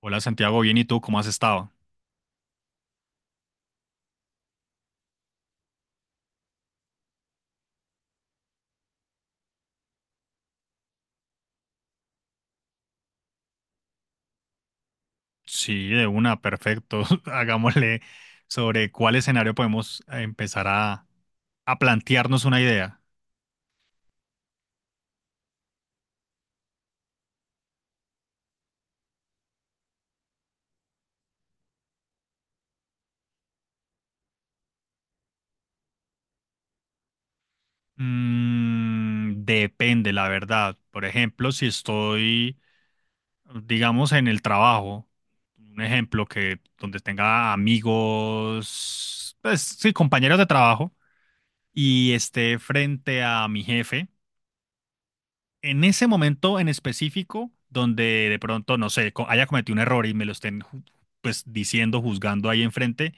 Hola Santiago, bien, ¿y tú cómo has estado? Sí, de una, perfecto. Hagámosle sobre cuál escenario podemos empezar a plantearnos una idea. Mm, depende, la verdad. Por ejemplo, si estoy, digamos, en el trabajo, un ejemplo que donde tenga amigos, pues sí, compañeros de trabajo, y esté frente a mi jefe. En ese momento en específico, donde de pronto, no sé, haya cometido un error y me lo estén pues diciendo, juzgando ahí enfrente,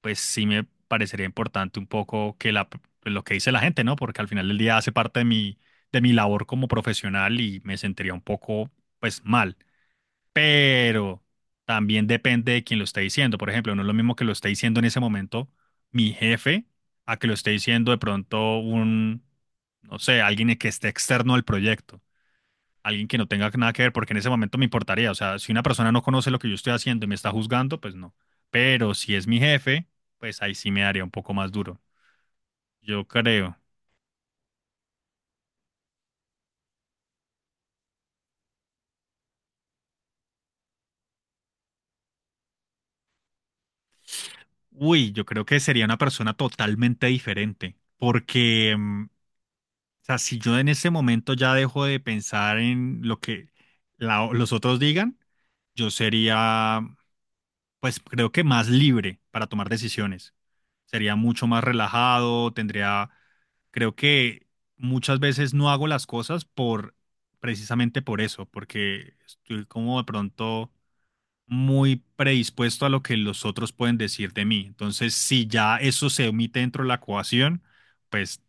pues sí me parecería importante un poco que la, pues, lo que dice la gente, ¿no? Porque al final del día hace parte de mi labor como profesional y me sentiría un poco pues mal. Pero también depende de quién lo esté diciendo. Por ejemplo, no es lo mismo que lo esté diciendo en ese momento mi jefe a que lo esté diciendo de pronto un, no sé, alguien que esté externo al proyecto, alguien que no tenga nada que ver, porque en ese momento me importaría. O sea, si una persona no conoce lo que yo estoy haciendo y me está juzgando, pues no. Pero si es mi jefe, pues ahí sí me daría un poco más duro. Yo creo. Uy, yo creo que sería una persona totalmente diferente. Porque, mm, o sea, si yo en ese momento ya dejo de pensar en lo que los otros digan, yo sería pues creo que más libre para tomar decisiones. Sería mucho más relajado, tendría, creo que muchas veces no hago las cosas por, precisamente por eso, porque estoy como de pronto muy predispuesto a lo que los otros pueden decir de mí. Entonces, si ya eso se omite dentro de la ecuación, pues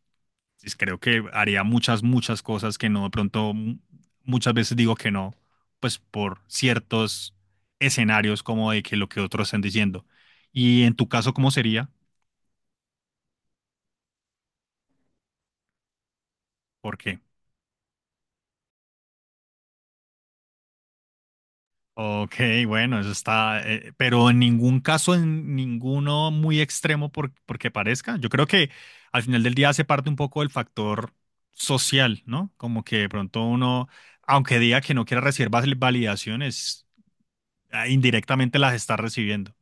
pues creo que haría muchas, muchas cosas que no, de pronto muchas veces digo que no, pues por ciertos escenarios como de que lo que otros están diciendo. Y en tu caso, ¿cómo sería? ¿Por qué? Ok, bueno, eso está, pero en ningún caso, en ninguno muy extremo por, porque parezca. Yo creo que al final del día hace parte un poco del factor social, ¿no? Como que de pronto uno, aunque diga que no quiera recibir validaciones, indirectamente las está recibiendo.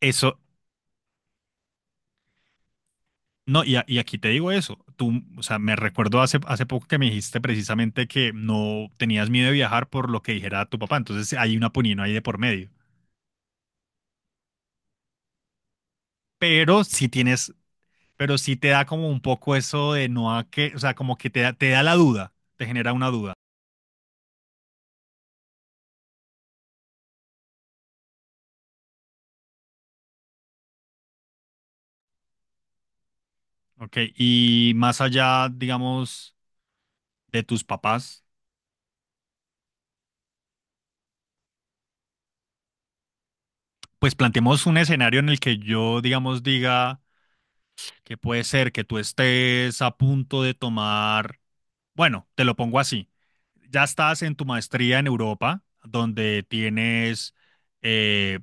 Eso, no, y, y aquí te digo eso. Tú, o sea, me recuerdo hace, hace poco que me dijiste precisamente que no tenías miedo de viajar por lo que dijera tu papá. Entonces hay una punino ahí de por medio. Pero sí tienes, pero sí te da como un poco eso de no a que, o sea, como que te da la duda, te genera una duda. Ok, y más allá, digamos, de tus papás, pues planteemos un escenario en el que yo, digamos, diga que puede ser que tú estés a punto de tomar. Bueno, te lo pongo así. Ya estás en tu maestría en Europa, donde tienes, eh,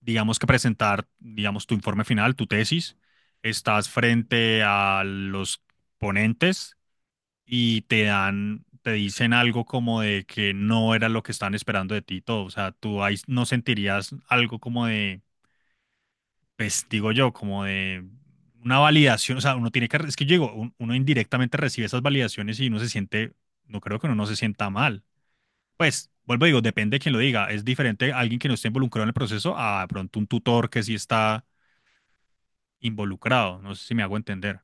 digamos que presentar, digamos, tu informe final, tu tesis. Estás frente a los ponentes y te dan, te dicen algo como de que no era lo que están esperando de ti y todo. O sea, tú ahí no sentirías algo como de pues digo yo, como de una validación, o sea, uno tiene que, es que yo digo, uno indirectamente recibe esas validaciones y uno se siente, no creo que uno no se sienta mal. Pues, vuelvo y digo, depende de quien lo diga. Es diferente alguien que no esté involucrado en el proceso a de pronto un tutor que sí está involucrado. No sé si me hago entender.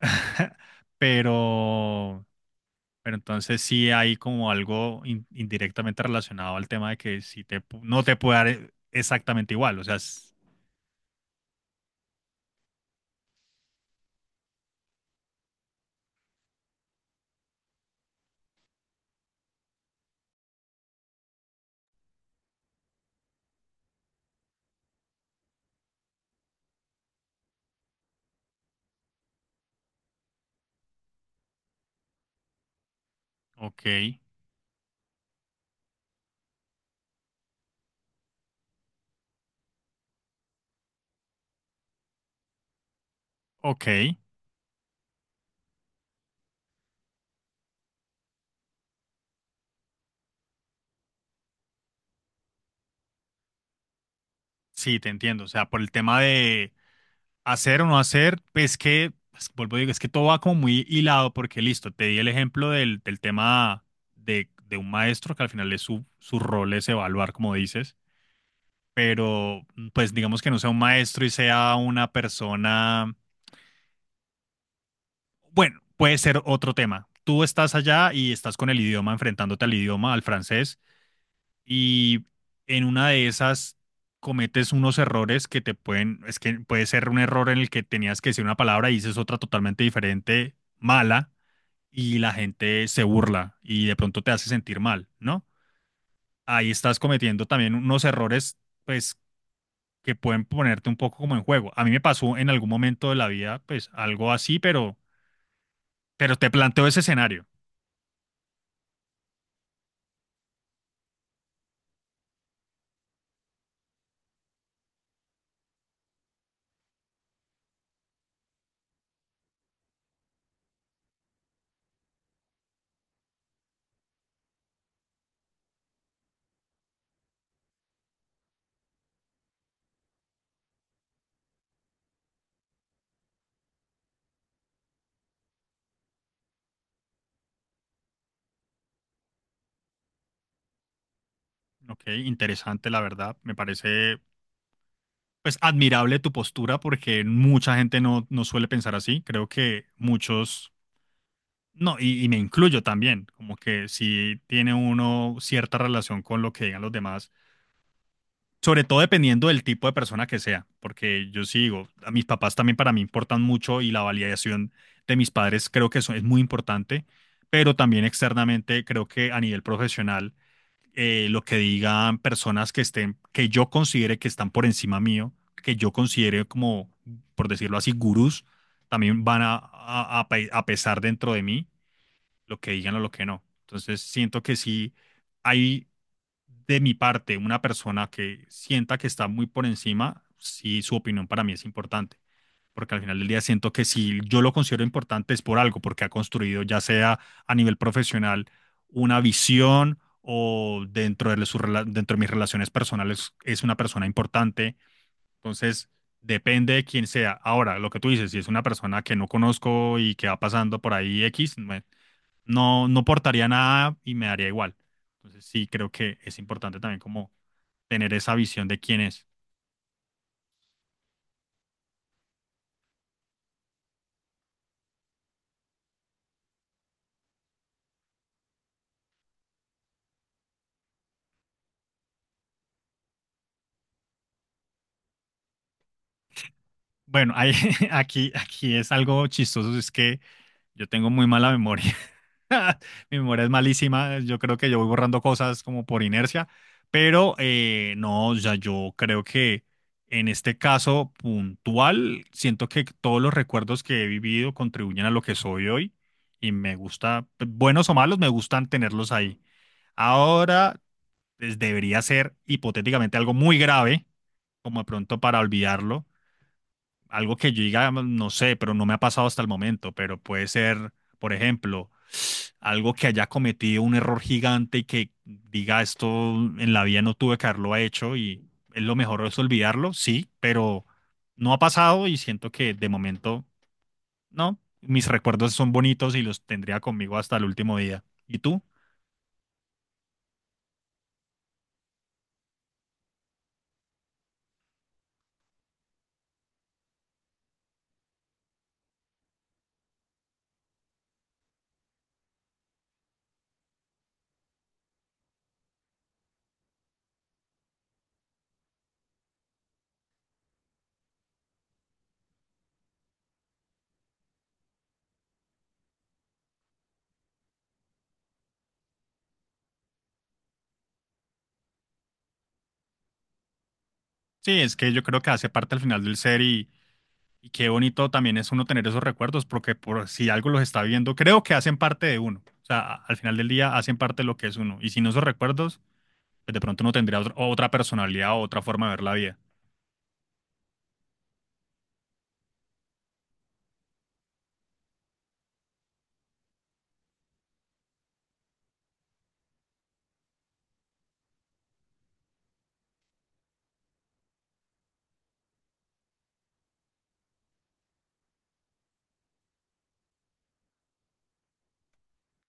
Pero, pero entonces sí hay como algo indirectamente relacionado al tema de que si te, no te puede dar exactamente igual. O sea, es- ok, ok. Sí, te entiendo. O sea, por el tema de hacer o no hacer, pues que, pues, vuelvo a decir, es que todo va como muy hilado porque listo, te di el ejemplo del, del tema de un maestro que al final es su, su rol es evaluar, como dices, pero mm, pues digamos que no sea un maestro y sea una persona, bueno, puede ser otro tema. Tú estás allá y estás con el idioma, enfrentándote al idioma, al francés y en una de esas cometes unos errores que te pueden, es que puede ser un error en el que tenías que decir una palabra y dices otra totalmente diferente, mala, y la gente se burla y de pronto te hace sentir mal, ¿no? Ahí estás cometiendo también unos errores, pues, que pueden ponerte un poco como en juego. A mí me pasó en algún momento de la vida, pues, algo así, pero te planteo ese escenario. Ok, interesante, la verdad. Me parece pues admirable tu postura porque mucha gente no, no suele pensar así. Creo que muchos, no, y me incluyo también, como que si tiene uno cierta relación con lo que digan los demás, sobre todo dependiendo del tipo de persona que sea, porque yo sigo, a mis papás también para mí importan mucho y la validación de mis padres creo que eso es muy importante, pero también externamente creo que a nivel profesional lo que digan personas que estén, que yo considere que están por encima mío, que yo considere como, por decirlo así, gurús, también van a, a pesar dentro de mí lo que digan o lo que no. Entonces siento que sí hay de mi parte una persona que sienta que está muy por encima, sí su opinión para mí es importante porque al final del día siento que si yo lo considero importante es por algo, porque ha construido ya sea a nivel profesional una visión o dentro de, dentro de mis relaciones personales es una persona importante. Entonces, depende de quién sea. Ahora, lo que tú dices, si es una persona que no conozco y que va pasando por ahí X, no, no portaría nada y me daría igual. Entonces, sí creo que es importante también como tener esa visión de quién es. Bueno, aquí, aquí es algo chistoso, es que yo tengo muy mala memoria. Mi memoria es malísima, yo creo que yo voy borrando cosas como por inercia, pero no, o sea, yo creo que en este caso puntual, siento que todos los recuerdos que he vivido contribuyen a lo que soy hoy y me gusta, buenos o malos, me gustan tenerlos ahí. Ahora, pues, debería ser hipotéticamente algo muy grave, como de pronto para olvidarlo algo que yo diga, no sé, pero no me ha pasado hasta el momento, pero puede ser, por ejemplo, algo que haya cometido un error gigante y que diga esto en la vida no tuve que haberlo hecho y es lo mejor es olvidarlo, sí, pero no ha pasado y siento que de momento, no, mis recuerdos son bonitos y los tendría conmigo hasta el último día. ¿Y tú? Sí, es que yo creo que hace parte al final del ser y qué bonito también es uno tener esos recuerdos, porque por si algo los está viendo, creo que hacen parte de uno. O sea, al final del día hacen parte de lo que es uno. Y sin esos recuerdos, pues de pronto uno tendría otra personalidad o otra forma de ver la vida.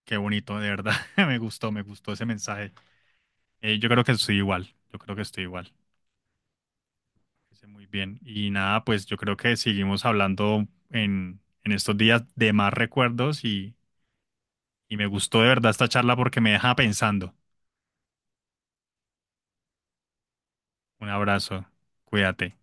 Qué bonito, de verdad. Me gustó ese mensaje. Yo creo que estoy igual. Yo creo que estoy igual. Hice muy bien. Y nada, pues yo creo que seguimos hablando en estos días de más recuerdos y me gustó de verdad esta charla porque me deja pensando. Un abrazo. Cuídate.